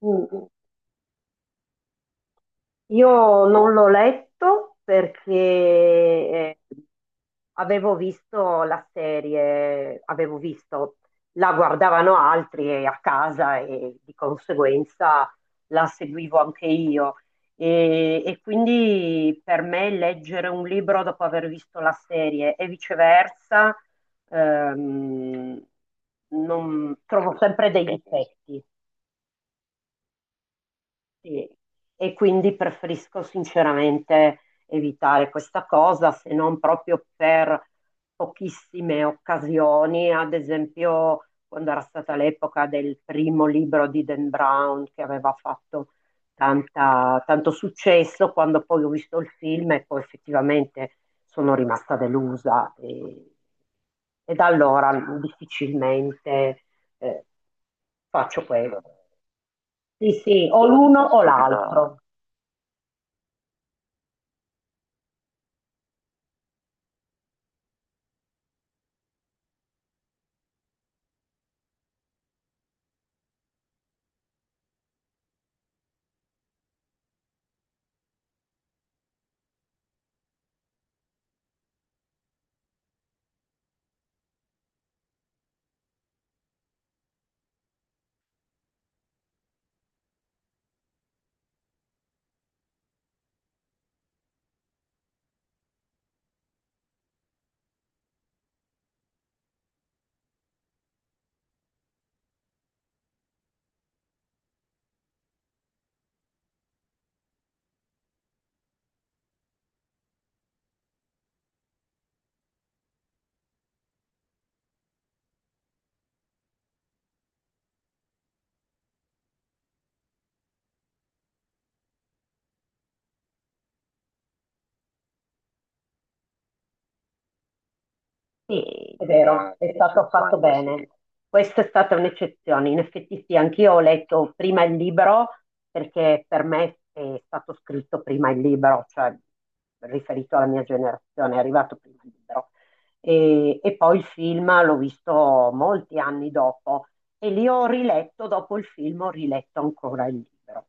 Mm, Io non l'ho letto perché avevo visto la serie, la guardavano altri e a casa e di conseguenza la seguivo anche io. E quindi per me leggere un libro dopo aver visto la serie e viceversa, ehm, trovo sempre dei difetti. Sì, e quindi preferisco sinceramente evitare questa cosa, se non proprio per pochissime occasioni, ad esempio quando era stata l'epoca del primo libro di Dan Brown che aveva fatto tanto successo, quando poi ho visto il film e poi effettivamente sono rimasta delusa e da allora difficilmente eh, faccio quello. Sì, sì, o l'uno o l'altro. Sì, è vero, è stato fatto bene. Questa è stata un'eccezione. In effetti sì, anch'io ho letto prima il libro perché per me è stato scritto prima il libro, cioè riferito alla mia generazione, è arrivato prima il libro. E poi il film l'ho visto molti anni dopo e lì ho riletto, dopo il film ho riletto ancora il libro.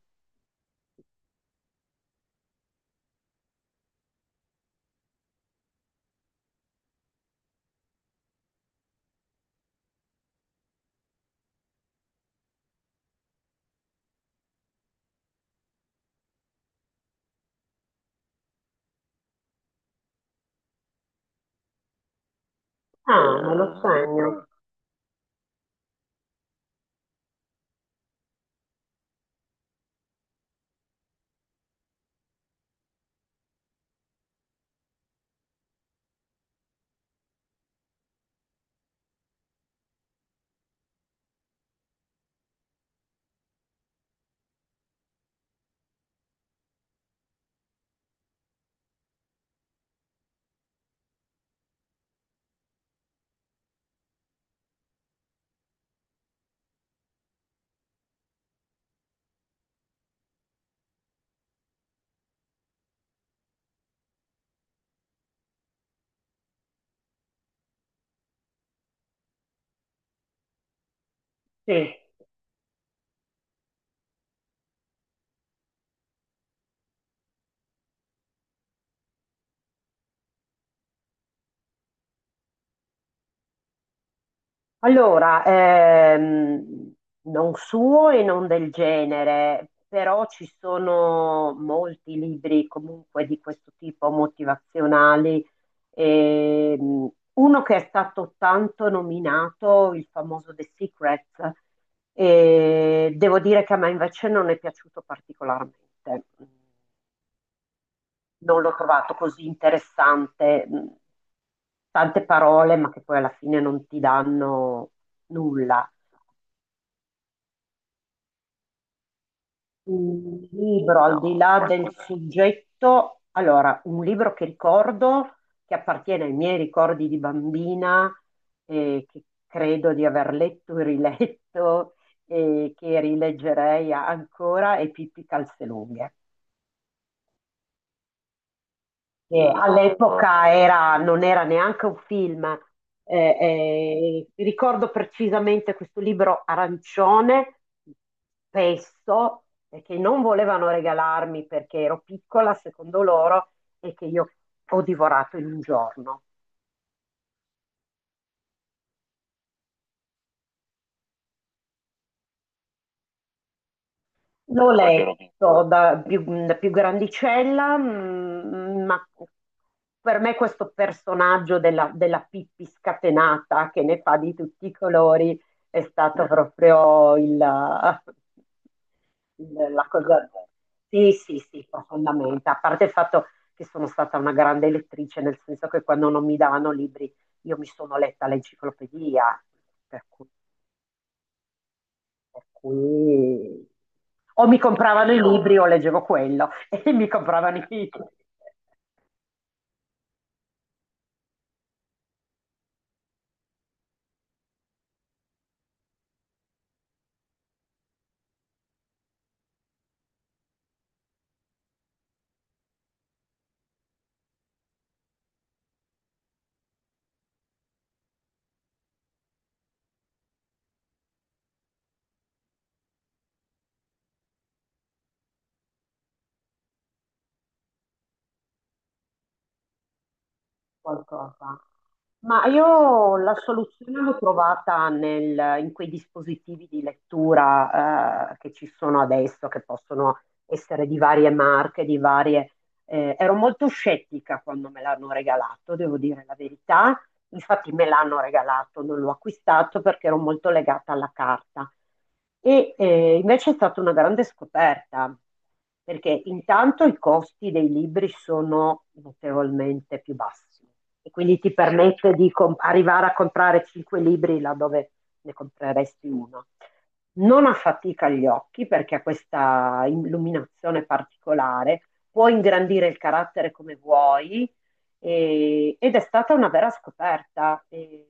Ah, ah, me lo segno. Sì. Allora, non suo e non del genere, però ci sono molti libri comunque di questo tipo, motivazionali. Uno che è stato tanto nominato, il famoso The Secret, e devo dire che a me invece non è piaciuto particolarmente. Non l'ho trovato così interessante. Tante parole, ma che poi alla fine non ti danno nulla. Un libro al No, di là del questo no, soggetto, allora, un libro che ricordo, che appartiene ai miei ricordi di bambina, che credo di aver letto e riletto e che rileggerei ancora, è Pippi Calzelunghe, che all'epoca non era neanche un film. Ricordo precisamente questo libro arancione, spesso, che non volevano regalarmi perché ero piccola, secondo loro, e che io ho divorato in un giorno. L'ho quando ero piccolo, letto da più grandicella, ma per me questo personaggio della Pippi scatenata che ne fa di tutti i colori è stato proprio la cosa... Sì, sì, sì, profondamente. A parte il fatto che sono stata una grande lettrice, nel senso che quando non mi davano libri io mi sono letta l'enciclopedia, per cui... Per cui, o mi compravano i libri o leggevo quello e mi compravano i qualcosa. Ma io la soluzione l'ho trovata in quei dispositivi di lettura che ci sono adesso, che possono essere di varie marche, di varie... Ero molto scettica quando me l'hanno regalato, devo dire la verità, infatti me l'hanno regalato, non l'ho acquistato perché ero molto legata alla carta. E invece è stata una grande scoperta, perché intanto i costi dei libri sono notevolmente più bassi e quindi ti permette di arrivare a comprare cinque libri laddove ne compreresti uno. Non affatica gli occhi perché ha questa illuminazione particolare, può ingrandire il carattere come vuoi, ed è stata una vera scoperta.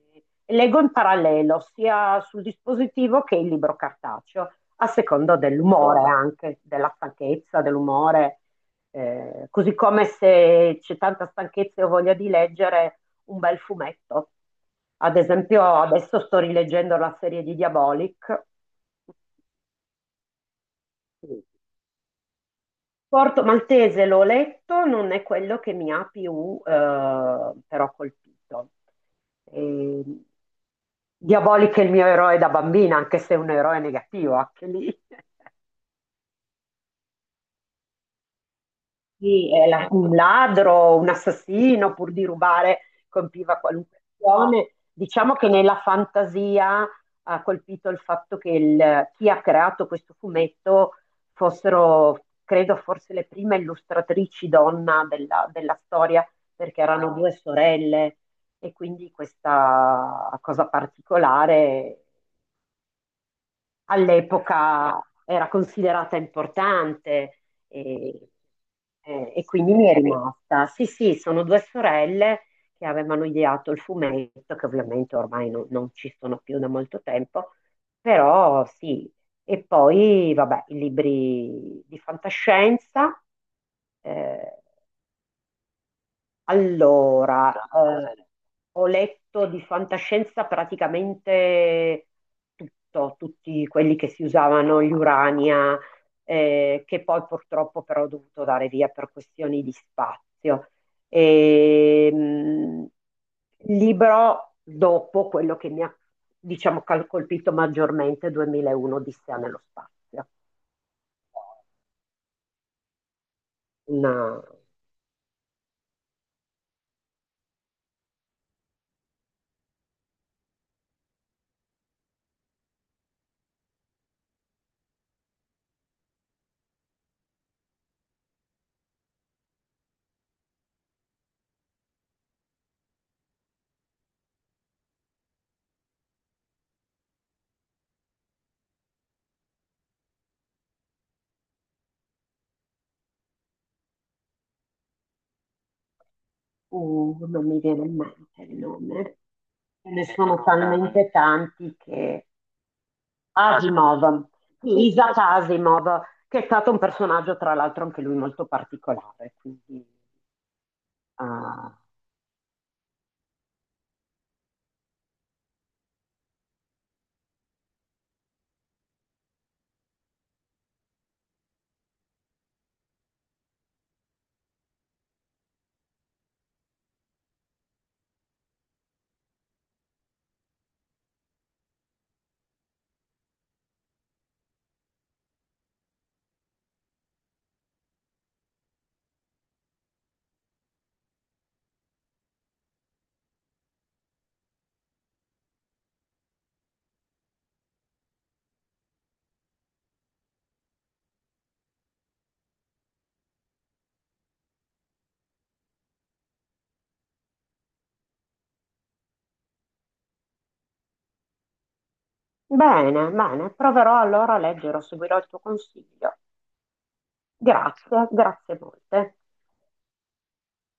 Leggo in parallelo sia sul dispositivo che il libro cartaceo, a secondo dell'umore anche, della stanchezza, dell'umore, così come se c'è tanta stanchezza e ho voglia di leggere un bel fumetto. Ad esempio, adesso sto rileggendo la serie di Diabolic. Porto Maltese l'ho letto, non è quello che mi ha più però colpito. E... Diabolic è il mio eroe da bambina, anche se è un eroe negativo, anche lì. Sì, è un ladro, un assassino, pur di rubare, colpiva qualunque azione. Diciamo che nella fantasia ha colpito il fatto che chi ha creato questo fumetto fossero, credo, forse le prime illustratrici donna della storia, perché erano due sorelle e quindi questa cosa particolare all'epoca era considerata importante e, e quindi mi è rimasta. Sì, sì, sono due sorelle che avevano ideato il fumetto, che ovviamente ormai non ci sono più da molto tempo, però sì. E poi, vabbè, i libri di fantascienza. eh, allora, grazie. Ho letto di fantascienza praticamente tutto, tutti quelli che si usavano, gli Urania, che poi purtroppo però ho dovuto dare via per questioni di spazio. E, mh, il libro dopo quello che mi ha, diciamo, colpito maggiormente, 2001, Odissea nello spazio. Una- Non mi viene in mente il nome. Ce ne sono talmente tanti che... Asimov, sì, Isaac Asimov, che è stato un personaggio tra l'altro anche lui molto particolare. Quindi, ah, bene, bene, proverò allora a leggere, seguirò il tuo consiglio. Grazie, grazie molte.